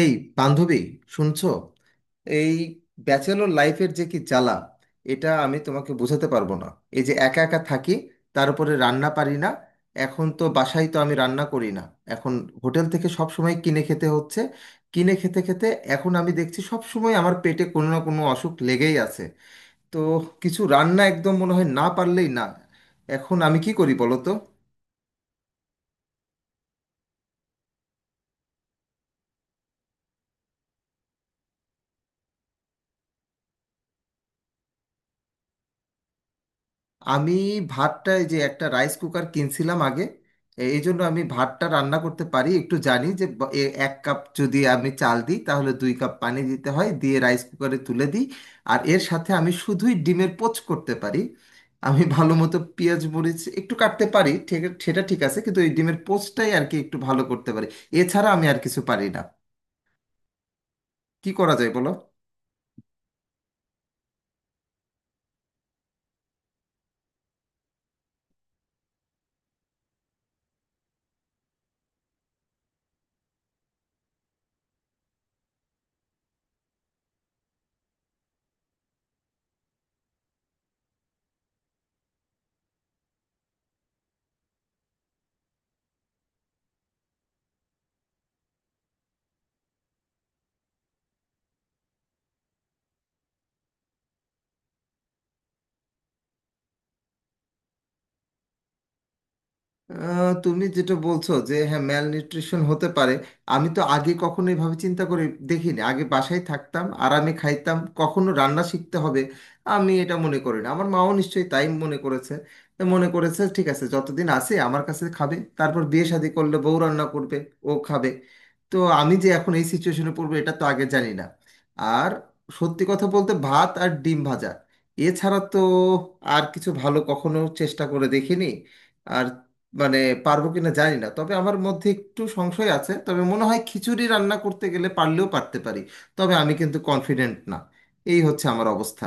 এই বান্ধবী, শুনছো? এই ব্যাচেলর লাইফের যে কি জ্বালা এটা আমি তোমাকে বোঝাতে পারবো না। এই যে একা একা থাকি, তার উপরে রান্না পারি না। এখন তো বাসায় তো আমি রান্না করি না। এখন হোটেল থেকে সব সময় কিনে খেতে হচ্ছে। কিনে খেতে খেতে এখন আমি দেখছি সব সময় আমার পেটে কোনো না কোনো অসুখ লেগেই আছে। তো কিছু রান্না একদম মনে হয় না পারলেই না। এখন আমি কি করি বলো তো? আমি ভাতটায় যে একটা রাইস কুকার কিনছিলাম আগে, এই জন্য আমি ভাতটা রান্না করতে পারি, একটু জানি যে এক কাপ যদি আমি চাল দিই তাহলে দুই কাপ পানি দিতে হয়, দিয়ে রাইস কুকারে তুলে দিই। আর এর সাথে আমি শুধুই ডিমের পোচ করতে পারি। আমি ভালো মতো পেঁয়াজ মরিচ একটু কাটতে পারি, ঠিক সেটা ঠিক আছে, কিন্তু এই ডিমের পোচটাই আর কি একটু ভালো করতে পারি। এছাড়া আমি আর কিছু পারি না। কি করা যায় বলো? তুমি যেটা বলছো যে হ্যাঁ, ম্যাল নিউট্রিশন হতে পারে। আমি তো আগে কখনো এভাবে চিন্তা করে দেখিনি। আগে বাসায় থাকতাম, আরামে খাইতাম, কখনো রান্না শিখতে হবে আমি এটা মনে করি না। আমার মাও নিশ্চয়ই তাই মনে করেছে। তা মনে করেছে, ঠিক আছে, যতদিন আছে আমার কাছে খাবে, তারপর বিয়ে শাদী করলে বউ রান্না করবে, ও খাবে। তো আমি যে এখন এই সিচুয়েশনে পড়বো এটা তো আগে জানি না। আর সত্যি কথা বলতে, ভাত আর ডিম ভাজা, এছাড়া তো আর কিছু ভালো কখনো চেষ্টা করে দেখিনি। আর মানে পারবো কিনা জানি না, তবে আমার মধ্যে একটু সংশয় আছে, তবে মনে হয় খিচুড়ি রান্না করতে গেলে পারলেও পারতে পারি। তবে আমি কিন্তু কনফিডেন্ট না। এই হচ্ছে আমার অবস্থা।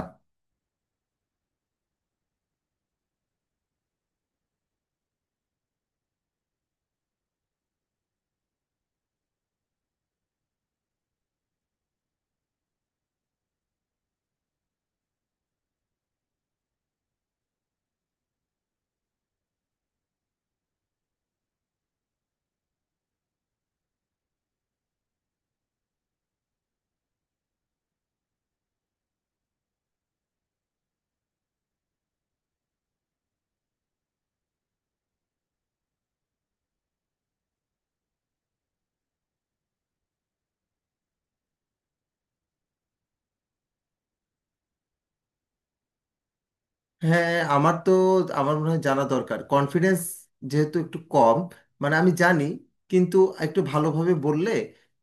হ্যাঁ, আমার মনে হয় জানা দরকার, কনফিডেন্স যেহেতু একটু কম। মানে আমি জানি, কিন্তু একটু ভালোভাবে বললে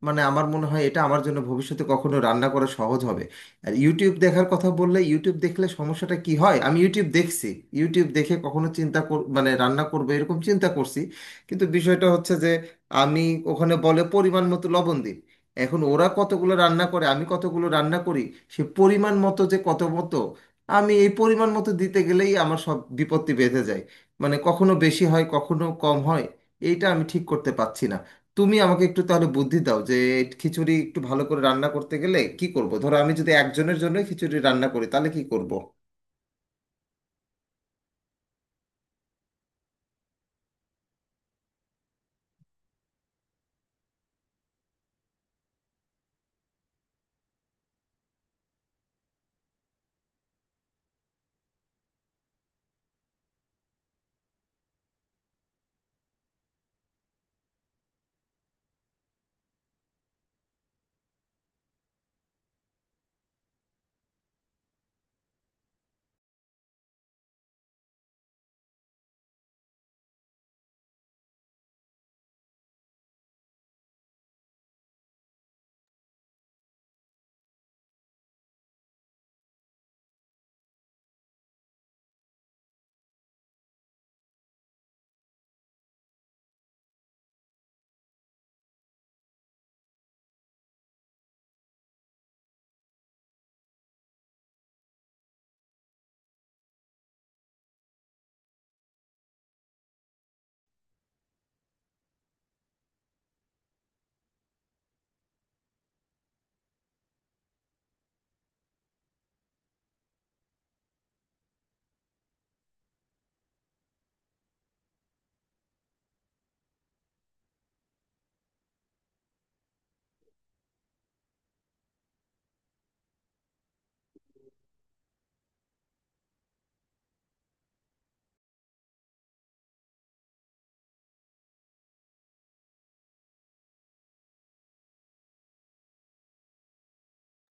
মানে আমার মনে হয় এটা আমার জন্য ভবিষ্যতে কখনো রান্না করা সহজ হবে। আর ইউটিউব দেখার কথা বললে, ইউটিউব দেখলে সমস্যাটা কি হয়, আমি ইউটিউব দেখছি, ইউটিউব দেখে কখনো মানে রান্না করবো এরকম চিন্তা করছি। কিন্তু বিষয়টা হচ্ছে যে আমি, ওখানে বলে পরিমাণ মতো লবণ দিন। এখন ওরা কতগুলো রান্না করে, আমি কতগুলো রান্না করি। সে পরিমাণ মতো যে কত মতো, আমি এই পরিমাণ মতো দিতে গেলেই আমার সব বিপত্তি বেঁধে যায়। মানে কখনো বেশি হয় কখনো কম হয়। এইটা আমি ঠিক করতে পারছি না। তুমি আমাকে একটু তাহলে বুদ্ধি দাও যে এই খিচুড়ি একটু ভালো করে রান্না করতে গেলে কি করব। ধরো আমি যদি একজনের জন্য খিচুড়ি রান্না করি তাহলে কি করব?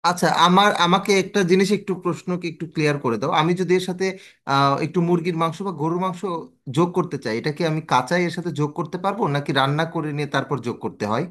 আচ্ছা, আমাকে একটা জিনিস একটু, প্রশ্নকে একটু ক্লিয়ার করে দাও। আমি যদি এর সাথে একটু মুরগির মাংস বা গরুর মাংস যোগ করতে চাই, এটা কি আমি কাঁচাই এর সাথে যোগ করতে পারবো, নাকি রান্না করে নিয়ে তারপর যোগ করতে হয়?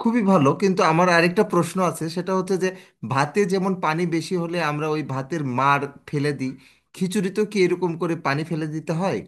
খুবই ভালো, কিন্তু আমার আরেকটা প্রশ্ন আছে, সেটা হচ্ছে যে ভাতে যেমন পানি বেশি হলে আমরা ওই ভাতের মাড় ফেলে দিই, খিচুড়িতেও কি এরকম করে পানি ফেলে দিতে হয়?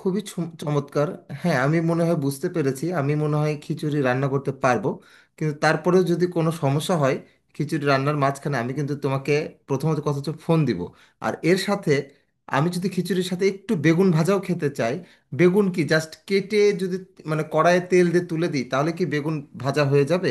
খুবই চমৎকার। হ্যাঁ, আমি মনে হয় বুঝতে পেরেছি। আমি মনে হয় খিচুড়ি রান্না করতে পারবো। কিন্তু তারপরেও যদি কোনো সমস্যা হয় খিচুড়ি রান্নার মাঝখানে, আমি কিন্তু তোমাকে, প্রথমত কথা হচ্ছে, ফোন দিব। আর এর সাথে আমি যদি খিচুড়ির সাথে একটু বেগুন ভাজাও খেতে চাই, বেগুন কি জাস্ট কেটে যদি মানে কড়াইয়ে তেল দিয়ে তুলে দিই তাহলে কি বেগুন ভাজা হয়ে যাবে?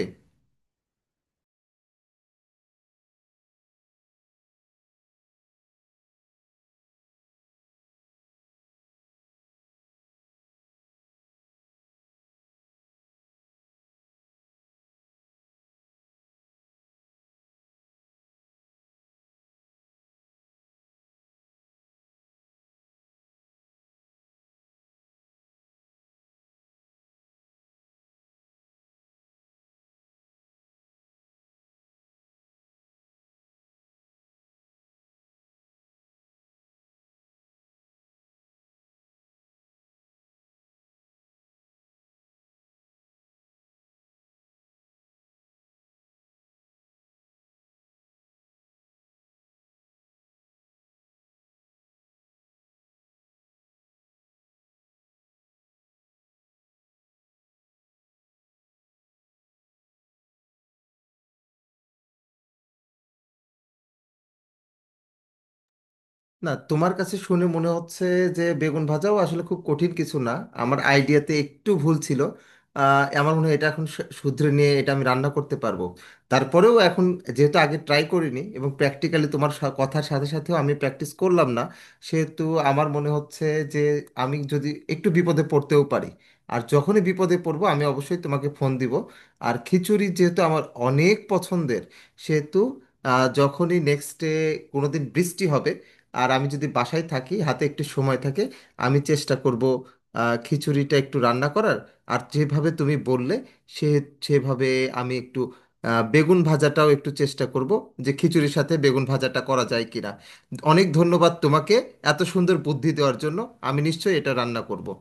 না, তোমার কাছে শুনে মনে হচ্ছে যে বেগুন ভাজাও আসলে খুব কঠিন কিছু না। আমার আইডিয়াতে একটু ভুল ছিল। আমার মনে হয় এটা এখন শুধরে নিয়ে এটা আমি রান্না করতে পারবো। তারপরেও এখন যেহেতু আগে ট্রাই করিনি এবং প্র্যাকটিক্যালি তোমার কথার সাথে সাথেও আমি প্র্যাকটিস করলাম না, সেহেতু আমার মনে হচ্ছে যে আমি যদি একটু বিপদে পড়তেও পারি। আর যখনই বিপদে পড়বো, আমি অবশ্যই তোমাকে ফোন দিব। আর খিচুড়ি যেহেতু আমার অনেক পছন্দের, সেহেতু যখনই নেক্সট ডে কোনোদিন বৃষ্টি হবে আর আমি যদি বাসায় থাকি, হাতে একটু সময় থাকে, আমি চেষ্টা করব খিচুড়িটা একটু রান্না করার। আর যেভাবে তুমি বললে সে সেভাবে আমি একটু বেগুন ভাজাটাও একটু চেষ্টা করব, যে খিচুড়ির সাথে বেগুন ভাজাটা করা যায় কিনা। অনেক ধন্যবাদ তোমাকে এত সুন্দর বুদ্ধি দেওয়ার জন্য। আমি নিশ্চয়ই এটা রান্না করব।